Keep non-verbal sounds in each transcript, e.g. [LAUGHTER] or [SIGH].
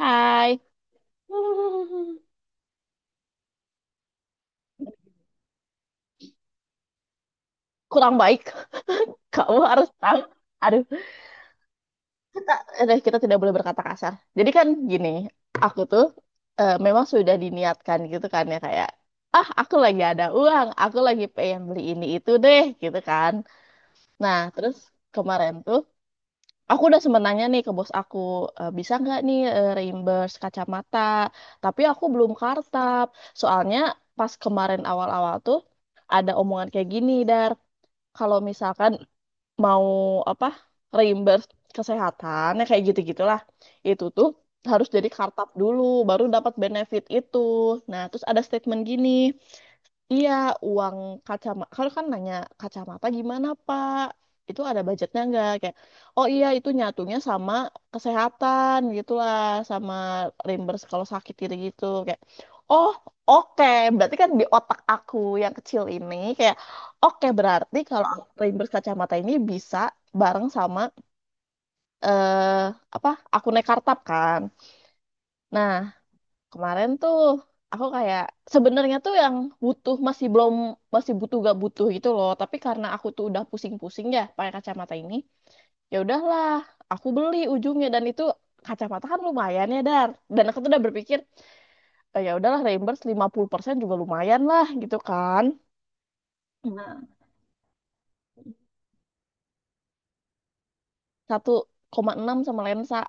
Hai. [LAUGHS] Kurang baik. Kamu harus tahu. Aduh, kita, aduh, kita tidak boleh berkata kasar. Jadi kan gini, aku tuh memang sudah diniatkan gitu kan ya kayak, ah aku lagi ada uang, aku lagi pengen beli ini itu deh gitu kan. Nah, terus kemarin tuh aku udah sempat nanya nih ke bos aku, "Eh, bisa nggak nih reimburse kacamata? Tapi aku belum kartab. Soalnya pas kemarin awal-awal tuh ada omongan kayak gini, Dar. Kalau misalkan mau apa reimburse kesehatan ya kayak gitu-gitulah itu tuh harus jadi kartab dulu, baru dapat benefit itu. Nah, terus ada statement gini, iya, uang kacamata. Kalau kan nanya kacamata gimana, Pak? Itu ada budgetnya nggak? Kayak, oh iya itu nyatunya sama kesehatan gitulah, sama reimburse kalau sakit gitu gitu. Kayak, oh, oke. Berarti kan di otak aku yang kecil ini kayak, oke berarti kalau reimburse kacamata ini bisa bareng sama eh apa? Aku naik kartab kan. Nah, kemarin tuh aku kayak sebenarnya tuh yang butuh masih belum masih butuh gak butuh gitu loh. Tapi karena aku tuh udah pusing-pusing ya pakai kacamata ini, ya udahlah aku beli ujungnya dan itu kacamata kan lumayan ya, Dar. Dan aku tuh udah berpikir, "Eh, ya udahlah, reimburse 50% juga lumayan lah gitu kan. Nah, 1,6 sama lensa.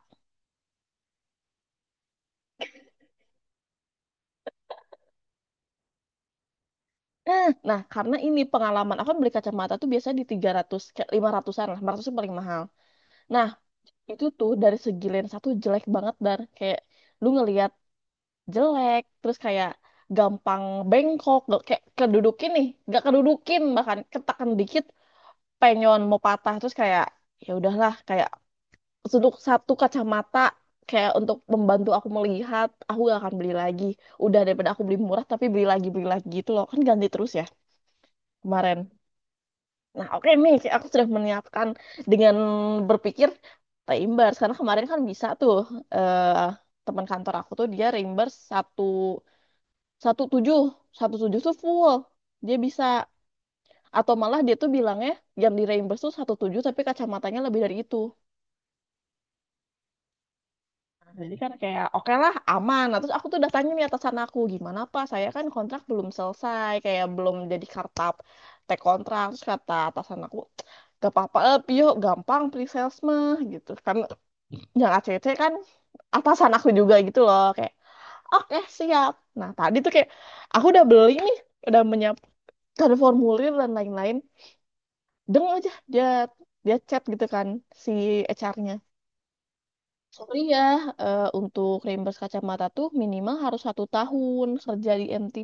Nah, karena ini pengalaman aku kan beli kacamata tuh biasanya di 300 ke 500-an lah, 500 itu paling mahal. Nah, itu tuh dari segi lensa tuh jelek banget dan kayak lu ngelihat jelek terus kayak gampang bengkok gak, kayak kedudukin nih gak kedudukin, bahkan ketakan dikit penyon mau patah. Terus kayak ya udahlah, kayak untuk satu kacamata, kayak untuk membantu aku melihat, aku gak akan beli lagi. Udah, daripada aku beli murah tapi beli lagi gitu loh, kan ganti terus ya kemarin. Nah, oke nih, aku sudah menyiapkan dengan berpikir reimburse karena kemarin kan bisa tuh, eh, teman kantor aku tuh dia reimburse satu satu tujuh, satu tujuh tuh full dia bisa, atau malah dia tuh bilangnya yang di reimburse tuh satu tujuh tapi kacamatanya lebih dari itu. Jadi kan kayak oke lah aman. Nah, terus aku tuh udah tanya nih atasan aku, gimana Pak, saya kan kontrak belum selesai, kayak belum jadi kartap, tek kontrak. Terus kata atasan aku, gak apa-apa, Pio gampang pre-sales mah gitu. Kan yang ACC kan atasan aku juga gitu loh, kayak oke siap. Nah tadi tuh kayak aku udah beli nih, udah menyiapkan formulir dan lain-lain. Deng aja dia dia chat gitu kan si HR-nya. Iya, untuk reimburse kacamata tuh minimal harus satu tahun kerja di MT,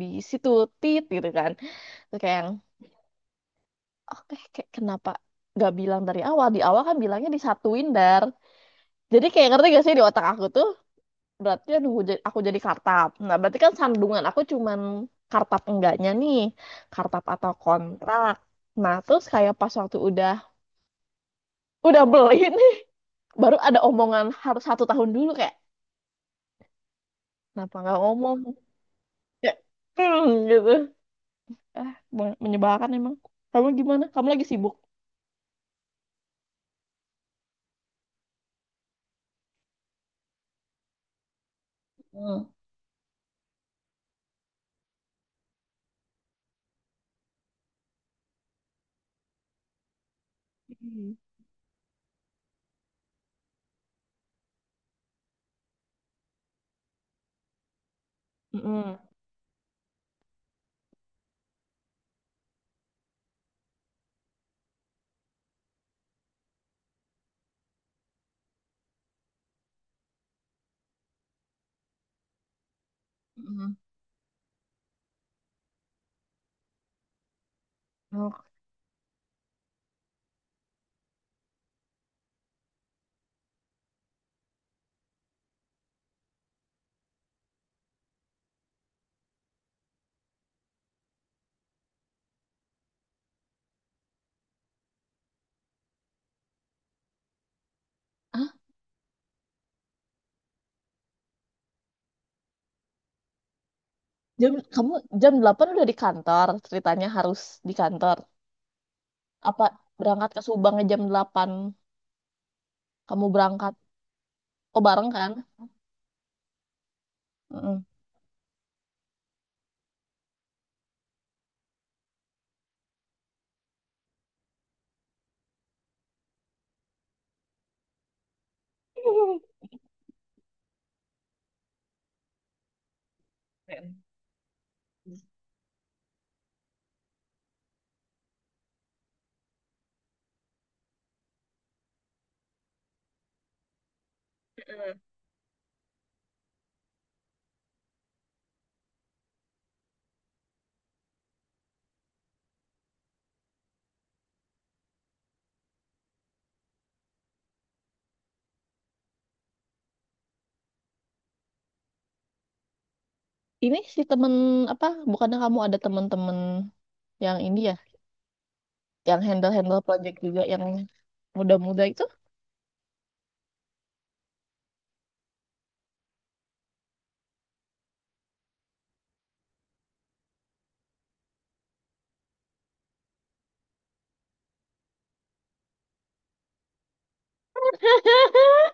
di situ tit gitu kan. Terus kayak yang, oke kayak kenapa gak bilang dari awal? Di awal kan bilangnya disatuin, Dar. Jadi kayak ngerti gak sih, di otak aku tuh berarti nunggu aku jadi kartap. Nah berarti kan sandungan aku cuman kartap enggaknya nih, kartap atau kontrak. Nah terus kayak pas waktu udah beli [LAUGHS] nih, baru ada omongan harus satu tahun dulu kayak. Kenapa nggak ngomong? Ya, gitu. Ah, menyebalkan emang. Kamu gimana? Kamu lagi sibuk? Hmm. Hmm. Mm-mm. Mm-mm. Oh. Ah. Kamu jam 8 udah di kantor, ceritanya harus di kantor. Apa berangkat ke Subang jam 8? Kamu berangkat. Oh, bareng kan? Mm-mm. Keren. [LAUGHS] Ini si temen, apa, bukannya kamu ada temen-temen yang ini ya, yang handle-handle project juga, yang muda-muda itu? [LAUGHS]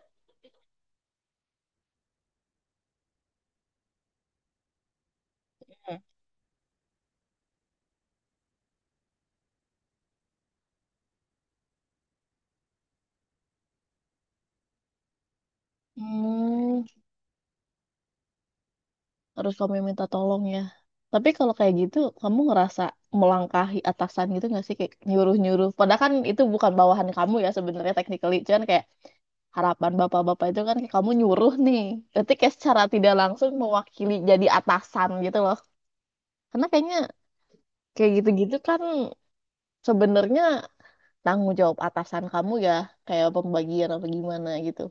Hmm. Harus kamu yang minta tolong ya. Tapi kalau kayak gitu, kamu ngerasa melangkahi atasan gitu nggak sih, kayak nyuruh-nyuruh. Padahal kan itu bukan bawahan kamu ya sebenarnya technically, cuman kayak harapan bapak-bapak itu kan kayak kamu nyuruh nih. Berarti kayak secara tidak langsung mewakili jadi atasan gitu loh. Karena kayaknya kayak gitu-gitu kan sebenarnya tanggung jawab atasan kamu ya, kayak pembagian apa gimana gitu.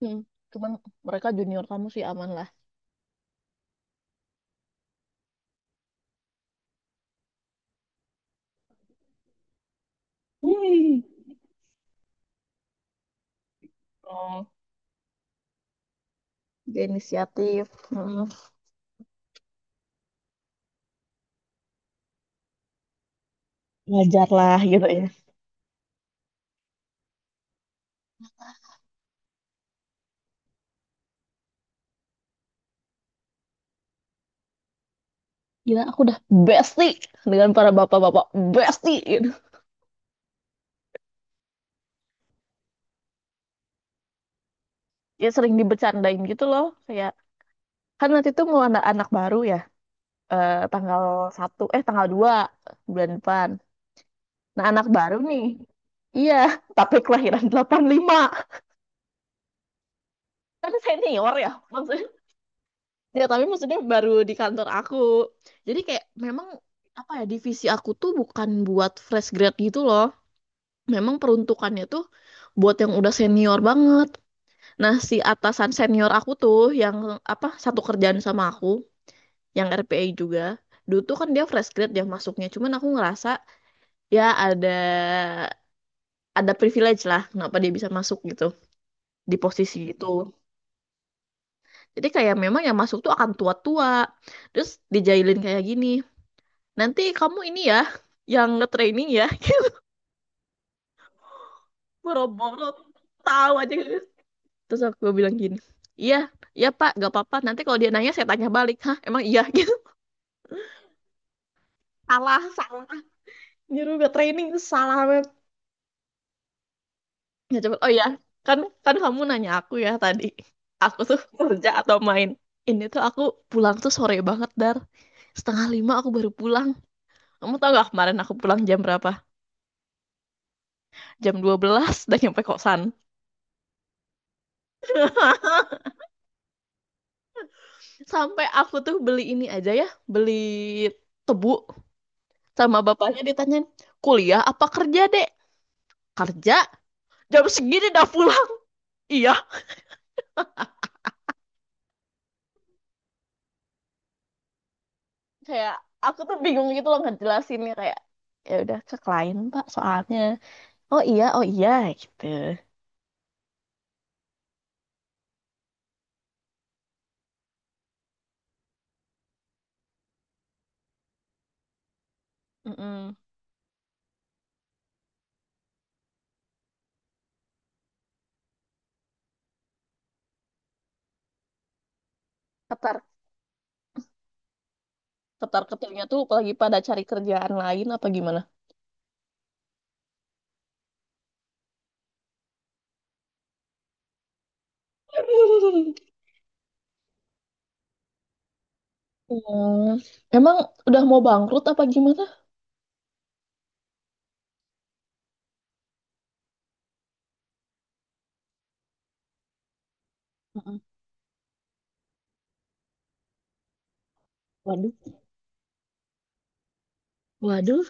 Hmm. Cuman mereka junior kamu sih aman lah. Hmm. Oh, dia inisiatif. Hmm. Wajar lah gitu ya. Gila, aku udah bestie dengan para bapak-bapak, bestie gitu. Ya sering dibercandain gitu loh, kayak kan nanti tuh mau anak anak baru ya, eh, tanggal satu, eh, tanggal 2 bulan depan. Nah anak baru nih. Iya, tapi kelahiran 85. Kan senior ya, maksudnya. Ya tapi maksudnya baru di kantor aku. Jadi kayak memang apa ya, divisi aku tuh bukan buat fresh grad gitu loh. Memang peruntukannya tuh buat yang udah senior banget. Nah, si atasan senior aku tuh yang apa satu kerjaan sama aku, yang RPA juga. Dulu tuh kan dia fresh grad yang masuknya, cuman aku ngerasa ya ada privilege lah kenapa dia bisa masuk gitu di posisi itu. Jadi kayak memang yang masuk tuh akan tua-tua. Terus dijailin kayak gini, nanti kamu ini ya yang nge-training ya. [LAUGHS] Boro-boro tahu aja. Terus aku bilang gini, "Iya, iya Pak, gak apa-apa. Nanti kalau dia nanya saya tanya balik. Hah, emang iya? [LAUGHS] gitu. Salah, salah. Nyuruh gak training itu salah banget. Ya coba, oh ya, kan kan kamu nanya aku ya tadi, aku tuh [LAUGHS] kerja atau main. Ini tuh aku pulang tuh sore banget, Dar. Setengah lima aku baru pulang. Kamu tau gak kemarin aku pulang jam berapa? jam 12, dan nyampe kosan. [LAUGHS] Sampai aku tuh beli ini aja ya, beli tebu, sama bapaknya ditanyain, kuliah apa kerja, dek? Kerja, jam segini udah pulang? Iya. Kayak aku tuh bingung gitu loh ngejelasinnya, kayak, ya udah ke klien, Pak, soalnya. Oh iya, oh iya gitu. mm ketar ketar ketarnya tuh apalagi pada cari kerjaan lain apa gimana. [LAUGHS] Hmm, emang udah mau bangkrut apa gimana? Mm-mm. Waduh, waduh.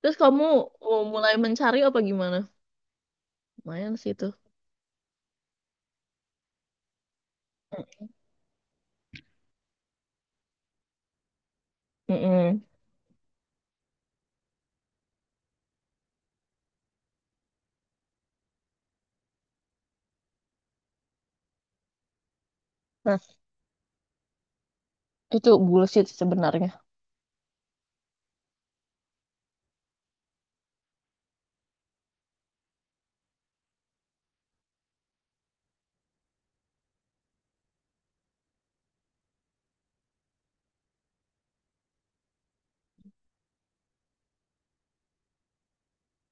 Terus kamu mau mulai mencari apa gimana? Lumayan sih itu. Mm-mm. Nah, itu bullshit sih sebenarnya.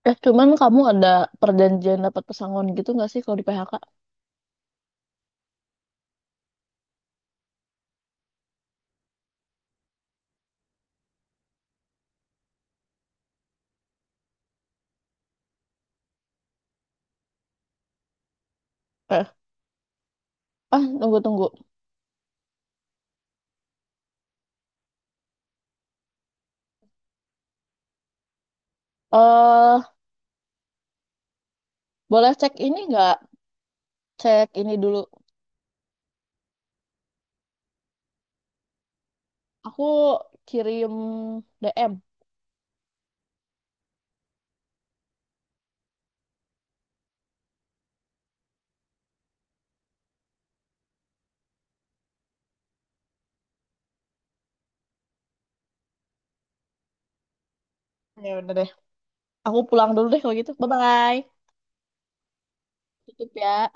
Eh, cuman kamu ada perjanjian dapat pesangon gitu nggak sih kalau di PHK? Eh, tunggu tunggu. eh boleh cek ini nggak? Cek ini dulu. Aku kirim DM. Ya udah deh. Aku pulang dulu deh kalau gitu. Bye-bye. Tutup ya.